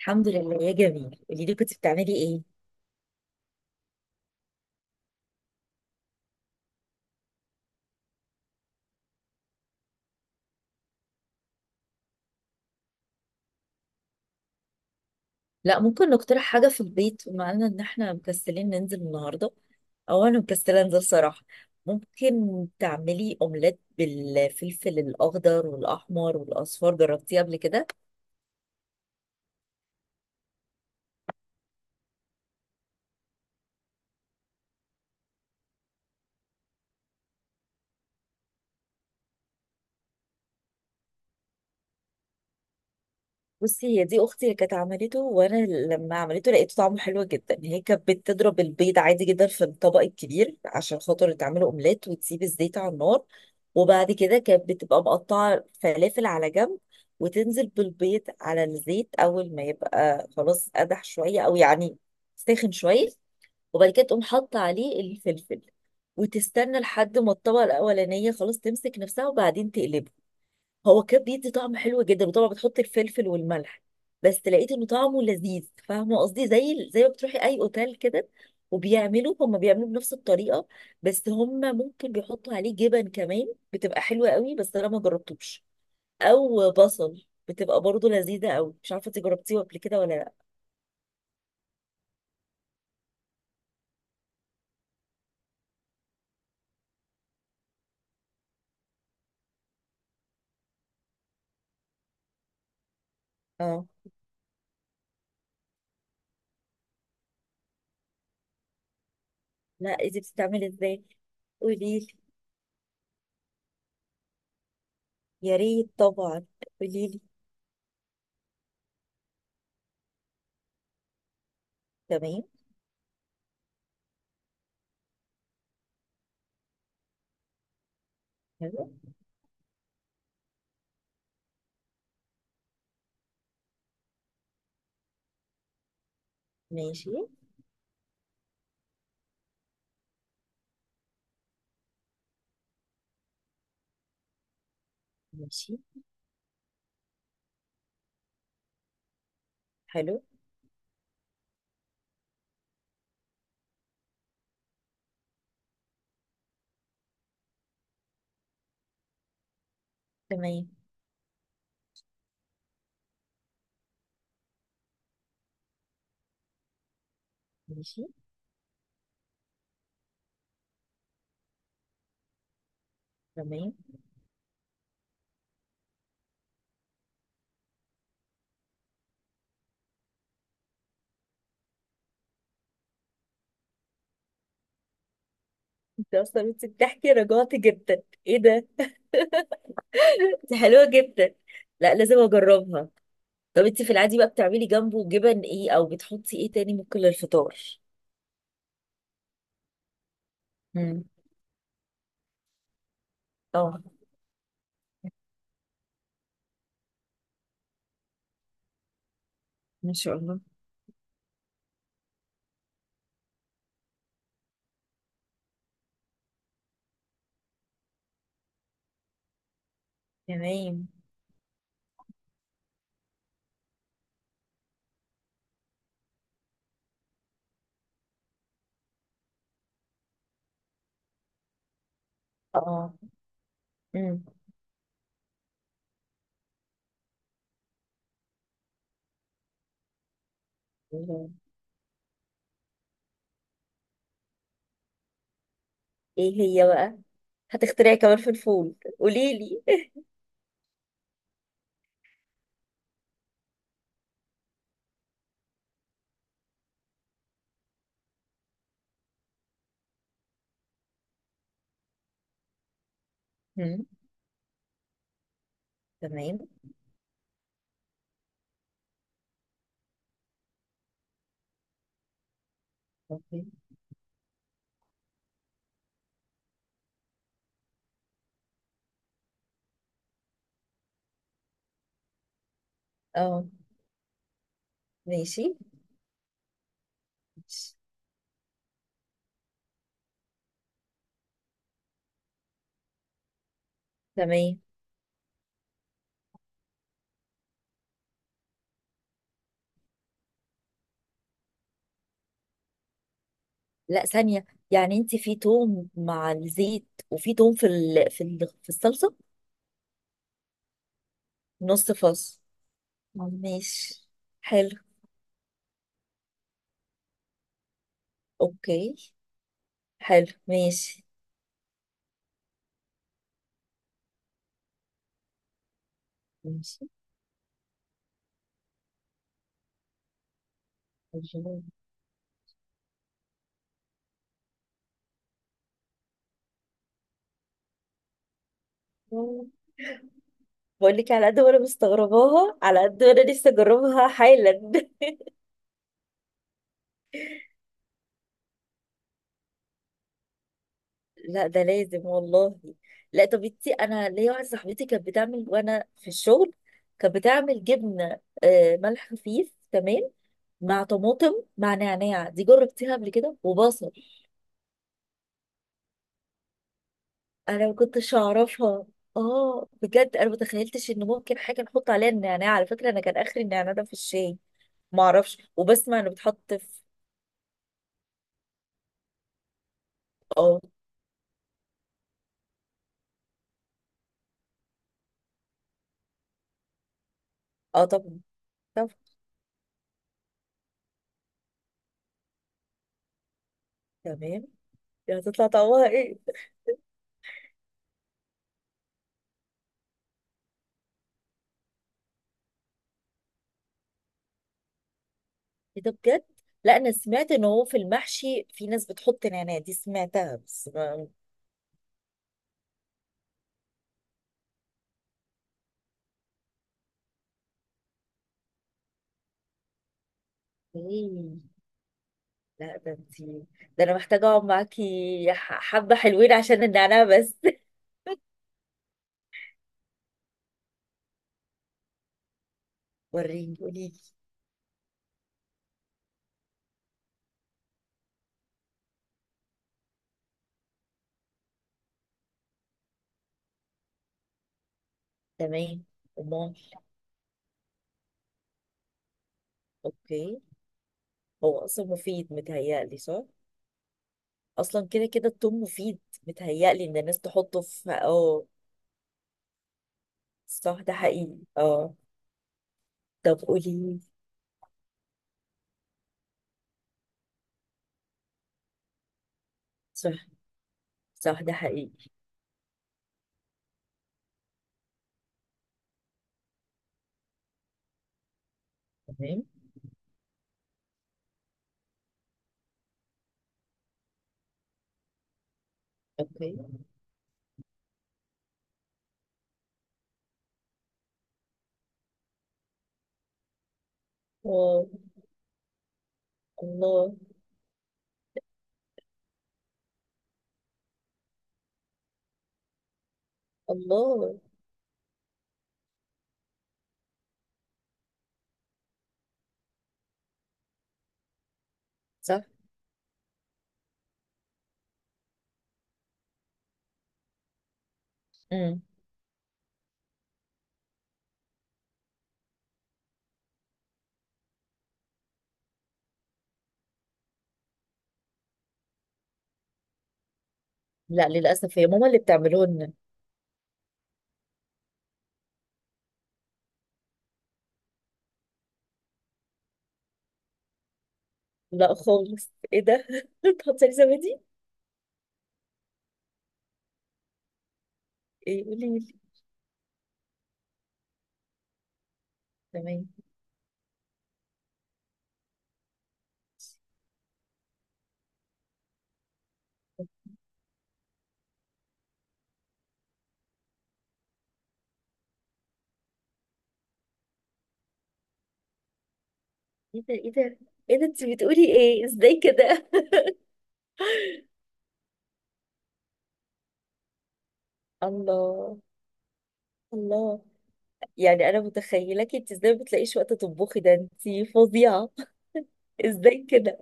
الحمد لله يا جميل، قولي لي كنت بتعملي ايه؟ لا، ممكن نقترح حاجه في البيت بما إن احنا مكسلين ننزل النهارده، او انا مكسله انزل صراحه. ممكن تعملي اومليت بالفلفل الاخضر والاحمر والاصفر. جربتيه قبل كده؟ بصي، هي دي اختي اللي كانت عملته، وانا لما عملته لقيته طعمه حلو جدا. هي كانت بتضرب البيض عادي جدا في الطبق الكبير عشان خاطر تعمله اومليت، وتسيب الزيت على النار. وبعد كده كانت بتبقى مقطعه فلافل على جنب، وتنزل بالبيض على الزيت اول ما يبقى خلاص قدح شويه، او يعني ساخن شويه. وبعد كده تقوم حاطه عليه الفلفل، وتستنى لحد ما الطبقه الاولانيه خلاص تمسك نفسها، وبعدين تقلبه. هو كان بيدي طعم حلو جدا، وطبعا بتحط الفلفل والملح. بس لقيت انه طعمه لذيذ. فاهمه قصدي؟ زي ما بتروحي اي اوتيل كده، وبيعملوا هم بيعملوا بنفس الطريقه. بس هم ممكن بيحطوا عليه جبن كمان، بتبقى حلوه قوي، بس انا ما جربتوش. او بصل، بتبقى برضه لذيذه قوي. مش عارفه انت جربتيه قبل كده ولا لا. اه. لا، إيه دي بتتعمل ازاي؟ قوليلي. يا ريت طبعا. قوليلي. تمام. حلو. ماشي. ماشي. حلو. تمام. ماشي. تمام. انت اصلا بتحكي رجعتي جدا. ايه ده. انت حلوه جدا. لا، لازم اجربها. طب انت في العادي بقى بتعملي جنبه جبن ايه، او بتحطي ايه تاني ممكن للفطار؟ مم. اه. ما شاء الله. تمام. اه. مم. الله. ايه هي بقى؟ هتخترعي كمان في الفول؟ قولي لي. مم. تمام. اوكي. اه. ماشي. ماشي. تمام. لا، ثانية. يعني انت في توم مع الزيت، وفي توم في الصلصة. نص فص. ماشي. حلو. اوكي. حلو. ماشي. ماشي. الجمال. بقول لك، على قد ما انا مستغرباها على قد ما انا لسه اجربها حالا. لا، ده لازم والله. لا، طب انا ليا واحده صاحبتي كانت بتعمل وانا في الشغل. كانت بتعمل جبنه، ملح خفيف، تمام. مع طماطم. مع نعناع. دي جربتيها قبل كده؟ وبصل. انا ما كنتش اعرفها. اه بجد، انا ما تخيلتش ان ممكن حاجه نحط عليها النعناع. على فكره انا كان اخري النعناع ده في الشاي. ما اعرفش، وبسمع انه بيتحط في. اه. اه، طب. طب. تمام. دي هتطلع طعمها ايه؟ إيه ده بجد. لا، انا سمعت ان هو في المحشي في ناس بتحط نعناع. دي سمعتها، بس ما. ايه. لا، ده انتي. ده انا محتاجه اقعد معاكي. حبه حلوين عشان النعناع بس. وريني، قولي لي. تمام. امال. اوكي. هو اصلا مفيد متهيألي، صح؟ اصلا كده كده التوم مفيد. متهيألي ان الناس تحطه في اه صح، ده حقيقي، اه. طب قولي. صح. صح، ده حقيقي. تمام. اوكي. واو. الله. الله. صح. امم. لا، للاسف هي ماما اللي بتعمله لنا. لا خالص، ايه ده. بتحطي لي زبادي؟ ايه، قولي لي. تمام. ايه ده، ايه ده، ايه ده. انت بتقولي ايه، ازاي كده؟ الله. الله. يعني انا متخيلك انت ازاي ما بتلاقيش وقت تطبخي؟ ده انت فظيعه. ازاي كده؟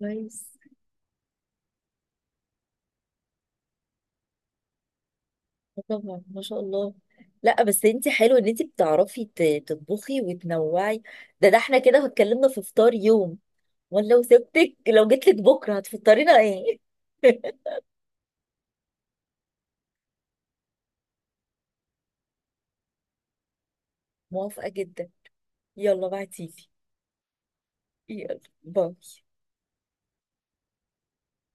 كويس. آه طبعا، ما شاء الله. لا بس، انت حلو ان انت بتعرفي تطبخي وتنوعي. ده احنا كده اتكلمنا في فطار يوم، ولا لو جيت لك بكره هتفطرينا ايه؟ موافقه جدا. يلا، بعتيلي. يلا، باي.